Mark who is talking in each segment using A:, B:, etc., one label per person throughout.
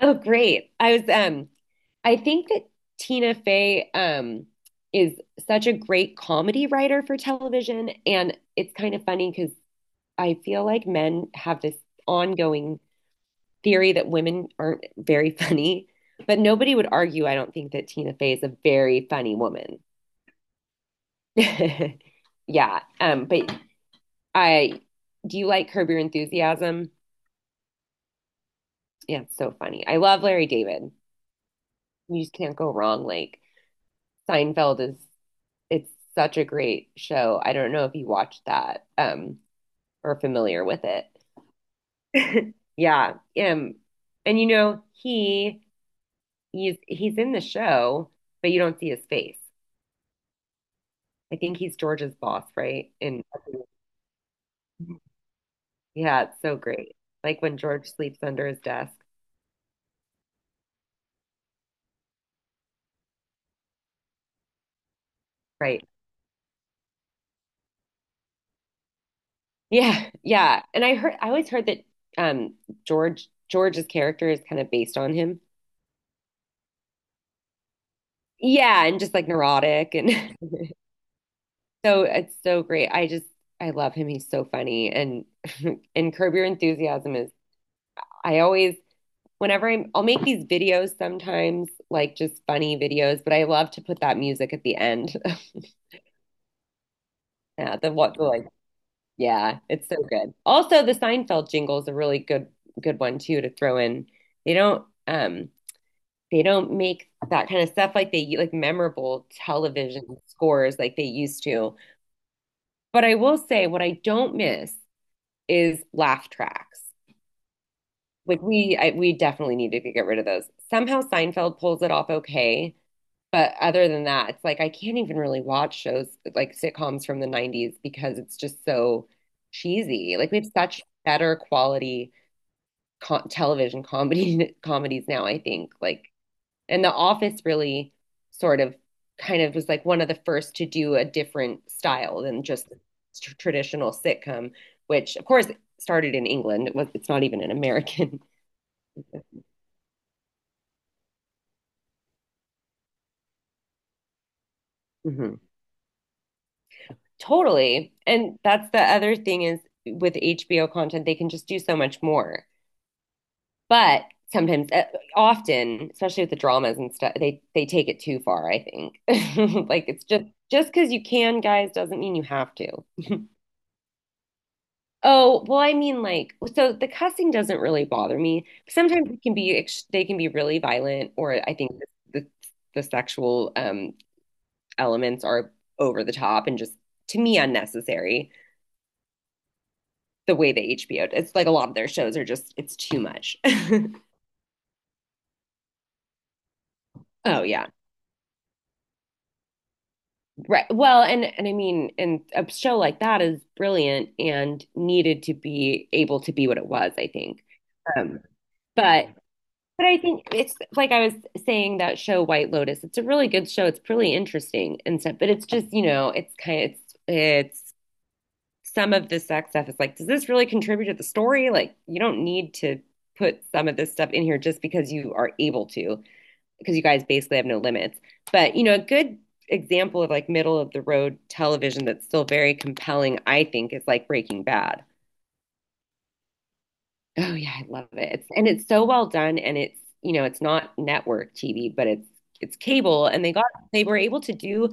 A: Oh, great. I think that Tina Fey is such a great comedy writer for television, and it's kind of funny because I feel like men have this ongoing theory that women aren't very funny, but nobody would argue, I don't think, that Tina Fey is a very funny woman. Yeah. But I Do you like Curb Your Enthusiasm? Yeah, it's so funny. I love Larry David. You just can't go wrong. Seinfeld is It's such a great show. I don't know if you watched that or are familiar with it. Yeah. And you know, he's in the show, but you don't see his face. I think he's George's boss, right? And yeah, it's so great. Like when George sleeps under his desk, right? Yeah, yeah. And I always heard that um George's character is kind of based on him. Yeah, and just like neurotic. And So it's so great. I love him. He's so funny. And and Curb Your Enthusiasm is I always whenever I'll make these videos sometimes, like just funny videos, but I love to put that music at the end. Yeah, the what the, like Yeah, it's so good. Also, the Seinfeld jingle is a really good one too to throw in. They don't um they don't make that kind of stuff like they, like memorable television scores, like they used to. But I will say, what I don't miss is laugh tracks. We definitely need to get rid of those. Somehow Seinfeld pulls it off okay, but other than that, it's like I can't even really watch shows like sitcoms from the 90s because it's just so cheesy. Like we have such better quality co television comedy comedies now, I think. Like and The Office really sort of kind of was like one of the first to do a different style than just traditional sitcom, which of course started in England. It's not even an American. Mhm. Totally. And that's the other thing is, with HBO content, they can just do so much more. But sometimes, uh, often, especially with the dramas and stuff, they take it too far, I think. Like it's just because you can, guys, doesn't mean you have to. Oh, well, I mean, like, so the cussing doesn't really bother me. Sometimes it can be, they can be really violent, or I think the the sexual elements are over the top and just to me unnecessary. The way that HBO, it's like a lot of their shows are just, it's too much. Oh yeah. Right. Well, and I mean, and a show like that is brilliant and needed to be able to be what it was, I think. Um, but But I think it's like I was saying, that show White Lotus. It's a really good show. It's really interesting and stuff. But it's just, you know, it's kind of it's some of the sex stuff is like, does this really contribute to the story? Like, you don't need to put some of this stuff in here just because you are able to, because you guys basically have no limits. But, you know, a good example of like middle of the road television that's still very compelling, I think, is like Breaking Bad. Oh yeah, I love it. And it's so well done and it's, you know, it's not network TV, but it's cable, and they were able to do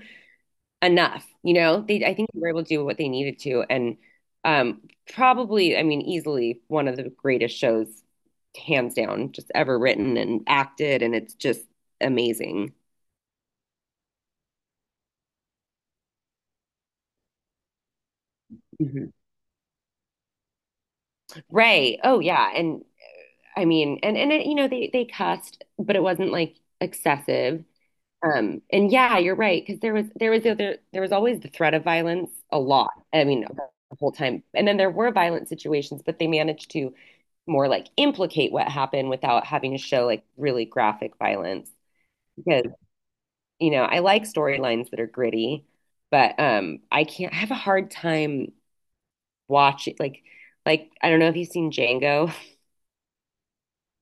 A: enough, you know. They I think they were able to do what they needed to. And um probably, I mean, easily one of the greatest shows hands down just ever written and acted. And it's just amazing. Mhm. Ray. Oh yeah. and I mean, and it, you know, they cussed, but it wasn't like excessive. And yeah, you're right, because there was always the threat of violence a lot. I mean, the whole time. And then there were violent situations, but they managed to more like implicate what happened without having to show like really graphic violence. Because, you know, I like storylines that are gritty, but I can't I have a hard time watching like I don't know if you've seen Django.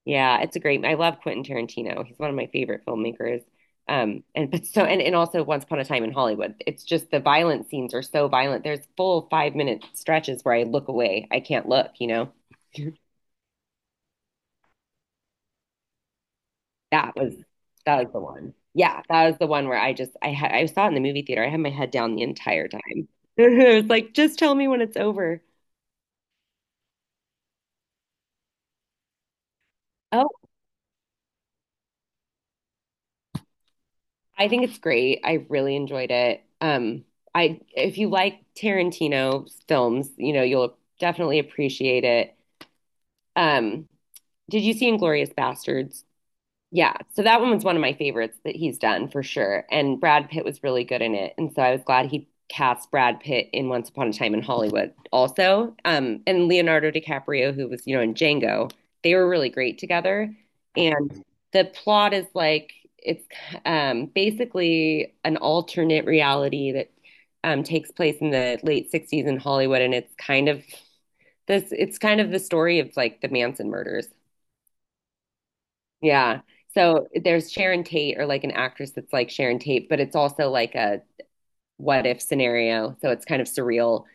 A: Yeah, it's a great. I love Quentin Tarantino. He's one of my favorite filmmakers. And but so and also Once Upon a Time in Hollywood. It's just the violent scenes are so violent. There's full 5 minute stretches where I look away. I can't look, you know. That was that was the one. Yeah, that was the one where I just I had I saw it in the movie theater. I had my head down the entire time. It was like, just tell me when it's over. I think it's great. I really enjoyed it. I if you like Tarantino films, you know, you'll definitely appreciate it. Um, did you see Inglorious Bastards? Yeah, so that one was one of my favorites that he's done for sure. And Brad Pitt was really good in it. And so I was glad he cast Brad Pitt in Once Upon a Time in Hollywood also. And Leonardo DiCaprio, who was, you know, in Django, they were really great together. And the plot is like it's basically an alternate reality that takes place in the late 60s in Hollywood. And it's kind of this, it's kind of the story of like the Manson murders. Yeah. So there's Sharon Tate, or like an actress that's like Sharon Tate, but it's also like a what if scenario. So it's kind of surreal.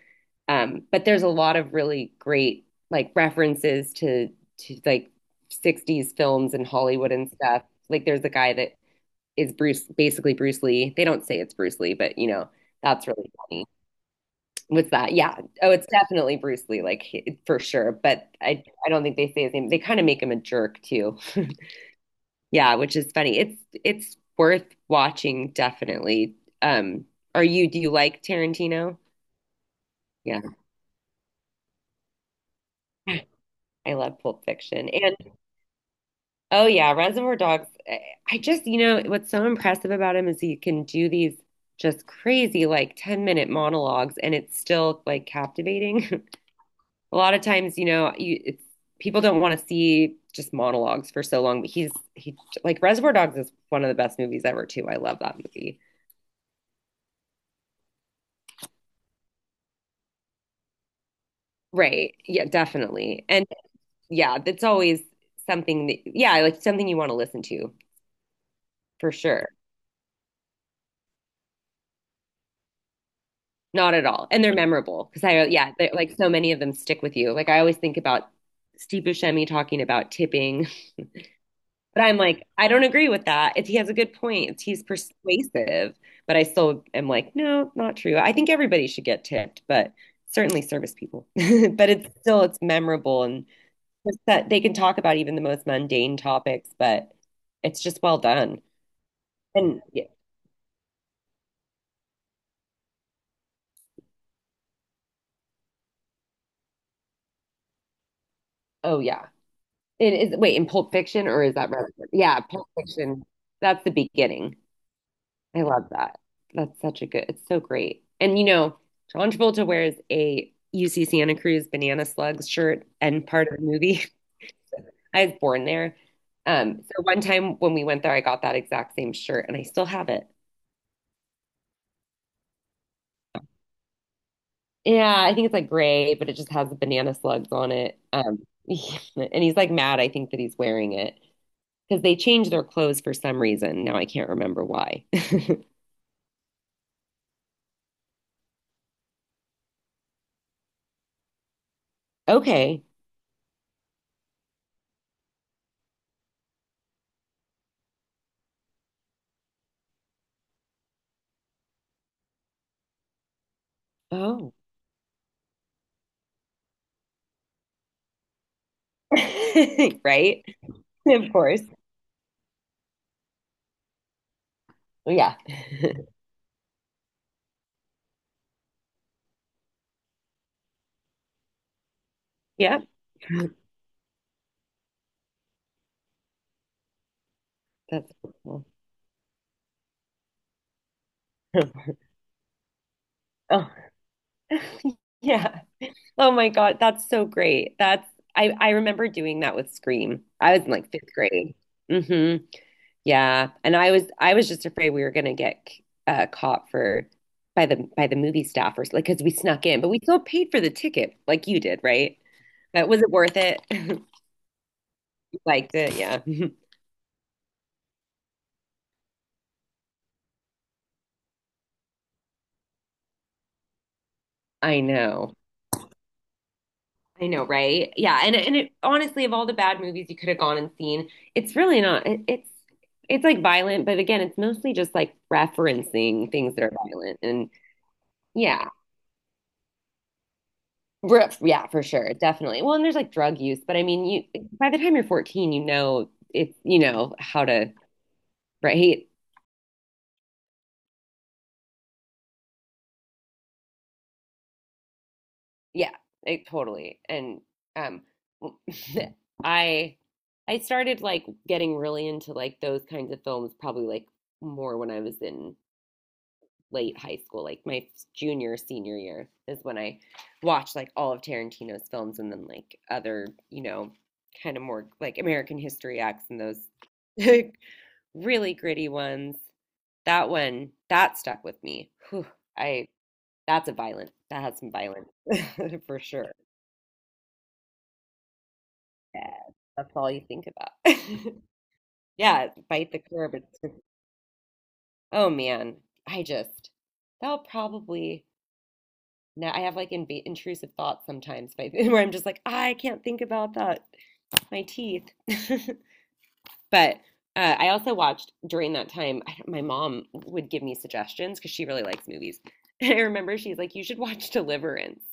A: But there's a lot of really great like references to like 60s films and Hollywood and stuff. Like there's a guy that is Bruce, basically Bruce Lee. They don't say it's Bruce Lee, but you know, that's really funny. What's that? Yeah. Oh, it's definitely Bruce Lee, like for sure. But I don't think they say his name. They kind of make him a jerk too. Yeah, which is funny. It's worth watching definitely. Um, are you Do you like Tarantino? Yeah. I love Pulp Fiction. And oh yeah, Reservoir Dogs. I just, you know, what's so impressive about him is he can do these just crazy like 10-minute monologues, and it's still like captivating. A lot of times, you know, you it's people don't want to see just monologues for so long, but he's he like Reservoir Dogs is one of the best movies ever too. I love that movie. Right. Yeah, definitely. And yeah, that's always something that, yeah, like something you want to listen to for sure. Not at all. And they're memorable because yeah, like so many of them stick with you. Like I always think about Steve Buscemi talking about tipping, but I'm like, I don't agree with that. If He has a good point, he's persuasive, but I still am like, no, not true. I think everybody should get tipped, but certainly service people. But it's still, it's memorable. And it's that they can talk about even the most mundane topics, but it's just well done. And yeah, oh yeah. It is, wait, in Pulp Fiction or is that Yeah, Pulp Fiction. That's the beginning. I love that. That's such a good, it's so great. And you know, John Travolta wears a UC Santa Cruz Banana Slugs shirt and part of the movie. I was born there. So one time when we went there, I got that exact same shirt and I still have it. Yeah, I think it's like gray, but it just has the banana slugs on it. And he's like mad, I think, that he's wearing it because they changed their clothes for some reason. Now I can't remember why. Okay. Oh, right? Of course. Yeah. Yep. That's so cool. Oh, yeah. Oh my God, that's so great. That's, I remember doing that with Scream. I was in like fifth grade. Hmm. Yeah. And I was just afraid we were gonna get caught for by the movie staffers, like because we snuck in, but we still paid for the ticket, like you did, right? But was it worth it? Liked it, yeah. I know. I know, right? Yeah, and it, honestly, of all the bad movies you could have gone and seen, it's really not. It's like violent, but again, it's mostly just like referencing things that are violent, and yeah, yeah, for sure, definitely. Well, and there's like drug use, but I mean, you by the time you're 14, you know how to right? Yeah, it, totally. And um, I I started like getting really into like those kinds of films probably like more when I was in late high school, like my junior, senior year is when I watched like all of Tarantino's films and then like other, kind of more like American History X and those really gritty ones. That one, that stuck with me. Whew, I that's a violent, that has some violence for sure. Yeah, that's all you think about. Yeah, bite the curb. Oh man, I just, that'll probably Now I have like inv intrusive thoughts sometimes by, where I'm just like, I can't think about that. My teeth. But I also watched during that time, I, my mom would give me suggestions because she really likes movies. I remember she's like, you should watch Deliverance.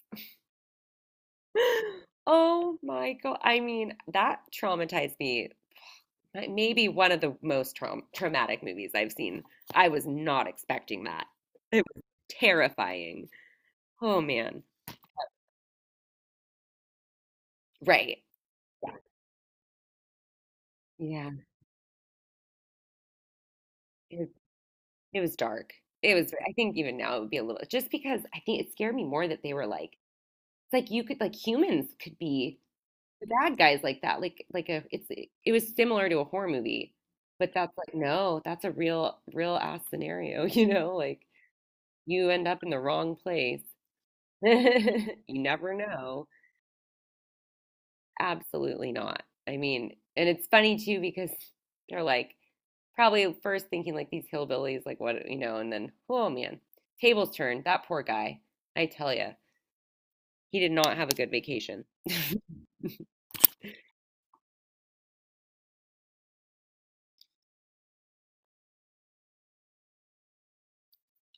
A: Oh my God. I mean, that traumatized me. That may be one of the most traumatic movies I've seen. I was not expecting that. It was terrifying. Oh man. Right. Yeah. Yeah. It was dark. It was, I think even now it would be a little, just because I think it scared me more that they were like, it's like you could, like humans could be the bad guys like that. It's, it was similar to a horror movie, but that's like, no, that's a real, real ass scenario, you know, like you end up in the wrong place. You never know. Absolutely not. I mean, and it's funny too because they're like, probably at first thinking like these hillbillies, like what, you know, and then, oh man, tables turned. That poor guy. I tell you, he did not have a good vacation.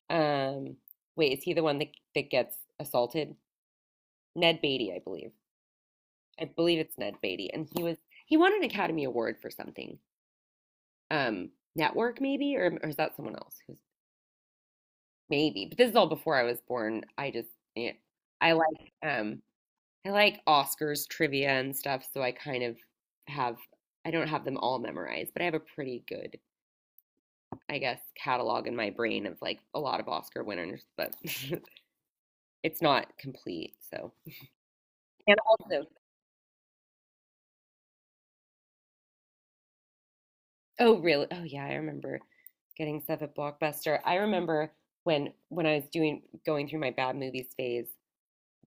A: Um, wait, is he the one that, that gets assaulted? Ned Beatty, I believe. I believe it's Ned Beatty. And he was, he won an Academy Award for something. Network maybe, or is that someone else? Who's maybe? But this is all before I was born. I just, yeah, I like, um, I like Oscars trivia and stuff, so I kind of have I don't have them all memorized, but I have a pretty good, I guess, catalog in my brain of like a lot of Oscar winners, but it's not complete. So, and also, oh, really? Oh, yeah, I remember getting stuff at Blockbuster. I remember when I was doing going through my bad movies phase,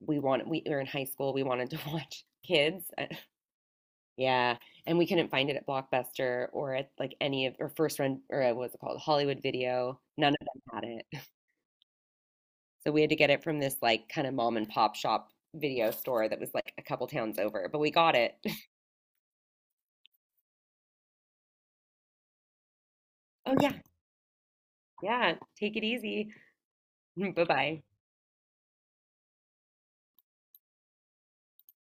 A: we were in high school, we wanted to watch Kids. I Yeah, and we couldn't find it at Blockbuster or at like any of or First Run or what's it called? Hollywood Video. None of them had it. So we had to get it from this like kind of mom and pop shop video store that was like a couple towns over, but we got it. Oh yeah. Yeah, take it easy. Bye-bye.